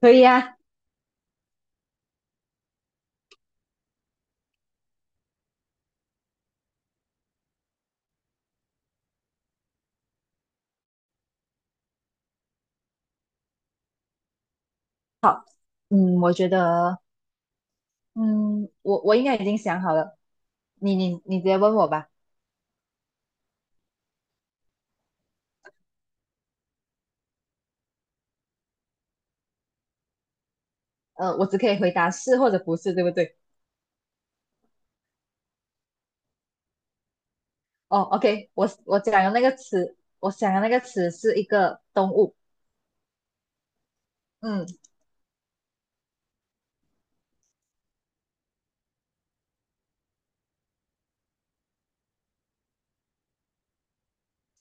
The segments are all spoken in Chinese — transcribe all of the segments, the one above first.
可以啊。好。我觉得，我应该已经想好了，你直接问我吧。我只可以回答是或者不是，对不对？哦，OK，我讲的那个词，我想的那个词是一个动物。嗯，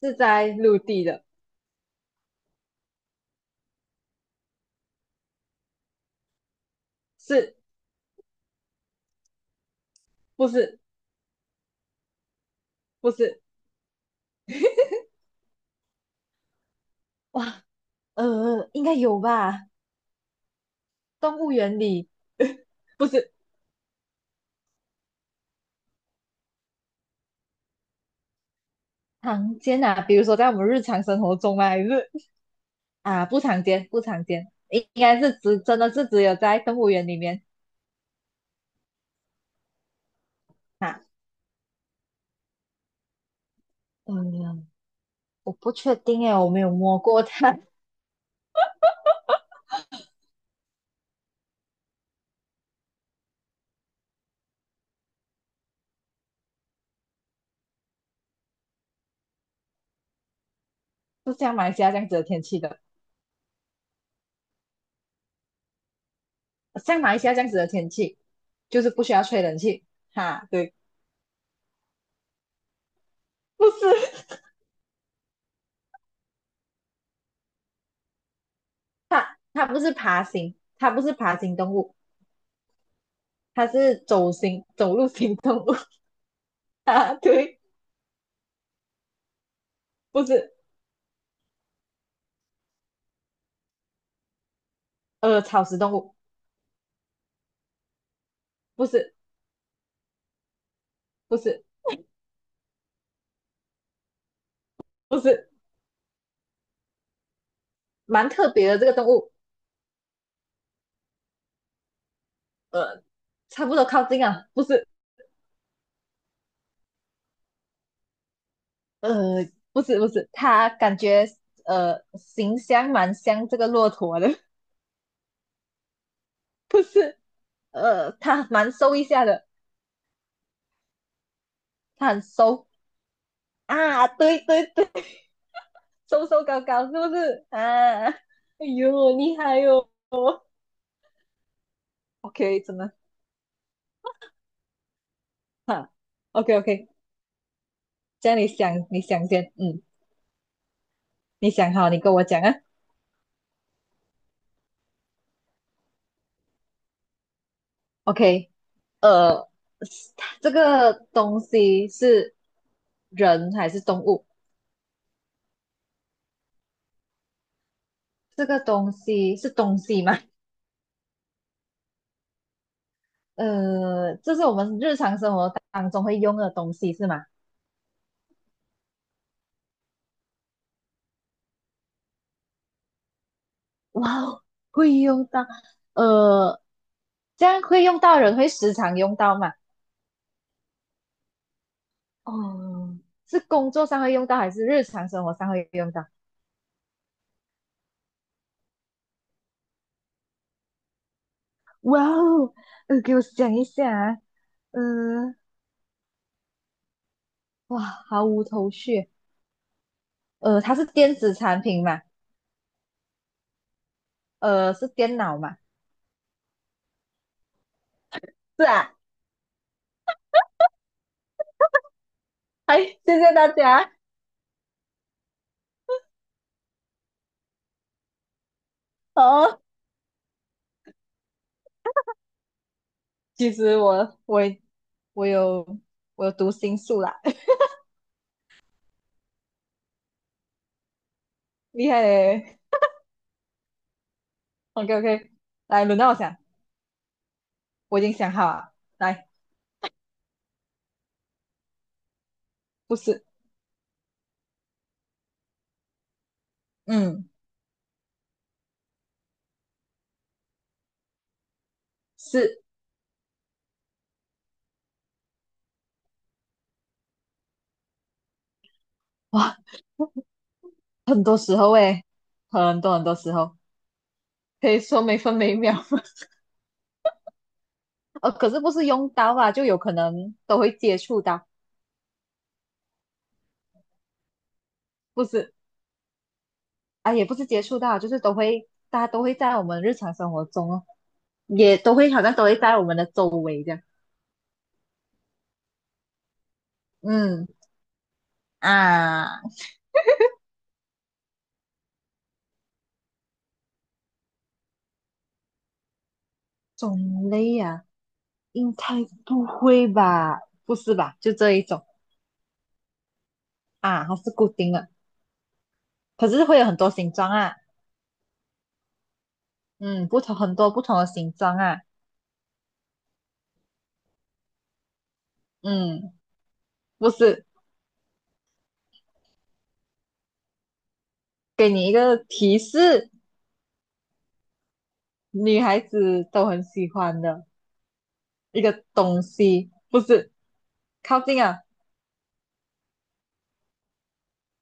是在陆地的。是。不是？不是。哇，应该有吧。动物园里。不是。常见啊？比如说在我们日常生活中啊，还是啊不常见，不常见，应该是只真的是只有在动物园里面啊。嗯，我不确定诶，我没有摸过它。就像马来西亚这样子的天气的。像马来西亚这样子的天气，就是不需要吹冷气。哈，对。不是，它不是爬行，它不是爬行动物。它是走行走路行动物。啊，对。不是。草食动物。不是，不是，不是。蛮特别的这个动物。呃，差不多靠近啊。不是。不是不是，它感觉形象蛮像这个骆驼的。不是。它蛮瘦一下的，它很瘦啊。对对对，瘦瘦高高是不是啊？哎呦，厉害哟，哦！OK，真的。哈，OK OK，这样你想先。嗯，你想好你跟我讲啊。OK。呃，这个东西是人还是动物？这个东西是东西吗？这是我们日常生活当中会用的东西是吗？哇哦，会用到。呃，这样会用到人会时常用到吗？哦，是工作上会用到还是日常生活上会用到？哇哦，给我想一下啊。呃，哇，毫无头绪。它是电子产品嘛？是电脑嘛？是啊，哎，谢谢大家哦。其实我有我有读心术啦。厉害嘞。OK OK，来轮到我想，我已经想好了。来。不是。嗯，是。哇，很多时候诶，很多很多时候，可以说每分每秒。可是不是用到啊，就有可能都会接触到。不是。啊，也不是接触到，就是都会，大家都会在我们日常生活中哦，也都会好像都会在我们的周围这样。嗯，啊，种类啊，应该不会吧？不是吧？就这一种啊，它是固定的，可是会有很多形状啊。嗯，不同很多不同的形状啊。嗯，不是。给你一个提示，女孩子都很喜欢的一个东西。不是。靠近啊。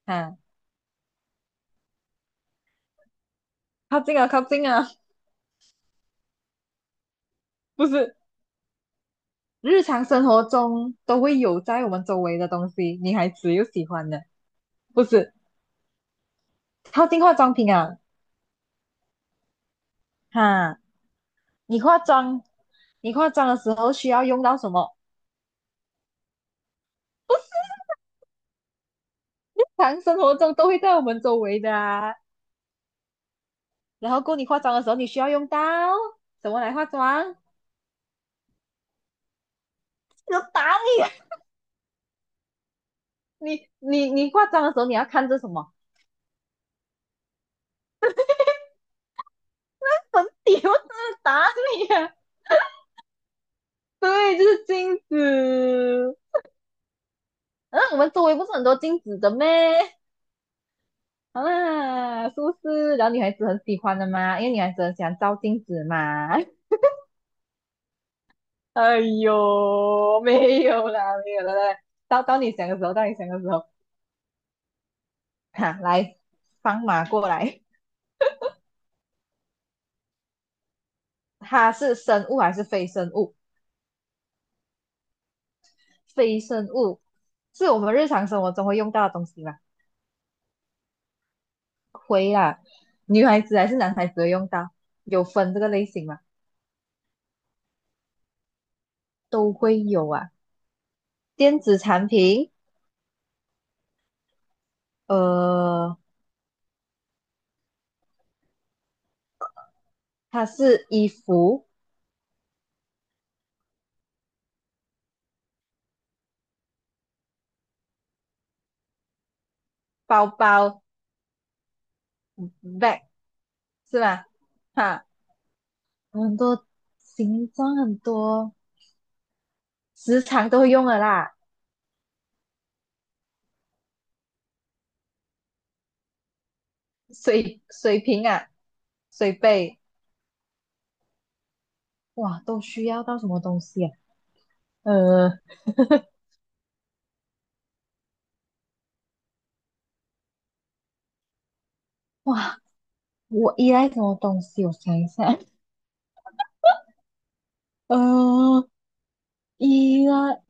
啊，靠近啊，靠近啊。不是。日常生活中都会有在我们周围的东西，女孩子又喜欢的。不是。靠近化妆品啊。哈，你化妆，你化妆的时候需要用到什么？日常生活中都会在我们周围的啊。然后，过你化妆的时候，你需要用到什么来化妆？有打你，你化妆的时候，你要看着什么？你不是打你啊？对，就是镜子。嗯，我们周围不是很多镜子的咩？啊，是不是？然后女孩子很喜欢的嘛，因为女孩子很喜欢照镜子嘛。哎呦，没有啦，没有啦，到你想的时候，到你想的时候。哈，来，放马过来。它是生物还是非生物？非生物是我们日常生活中会用到的东西吗？会啊。女孩子还是男孩子会用到，有分这个类型吗？都会有啊。电子产品。呃，它是衣服、包包、bag， 是吧？哈，很多形状很多。时常都会用的啦。水瓶啊，水杯。哇，都需要到什么东西啊？呃，哇，我依赖什么东西？我想一下。呃，依赖，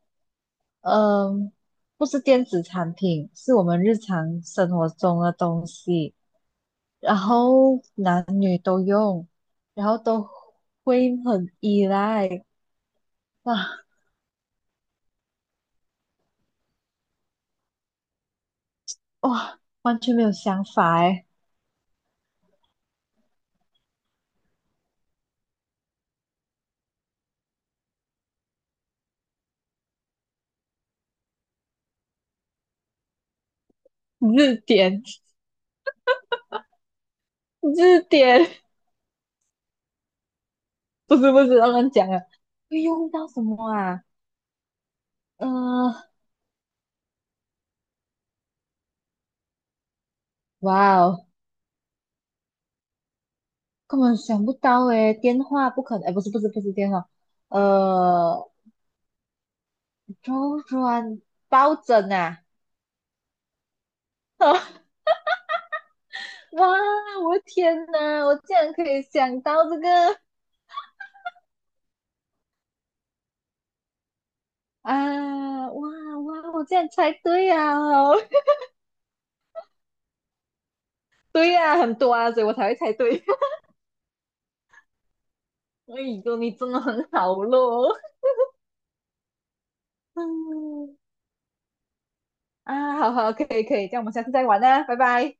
嗯、不是电子产品，是我们日常生活中的东西。然后男女都用，然后都会很依赖。哇哇，完全没有想法哎。字典。字典。不是不是，乱乱讲啊。会用到什么啊？呃，哇哦，根本想不到诶。电话不可能，哎，不是不是不是电话。呃，周转抱枕啊。哇，我的天呐，我竟然可以想到这个啊。哇哇，我竟然猜对啊，哦。 对呀，啊，很多啊，所以我才会猜对。哎呦，你真的很好咯。嗯啊，好好，可以可以，这样我们下次再玩啦，拜拜。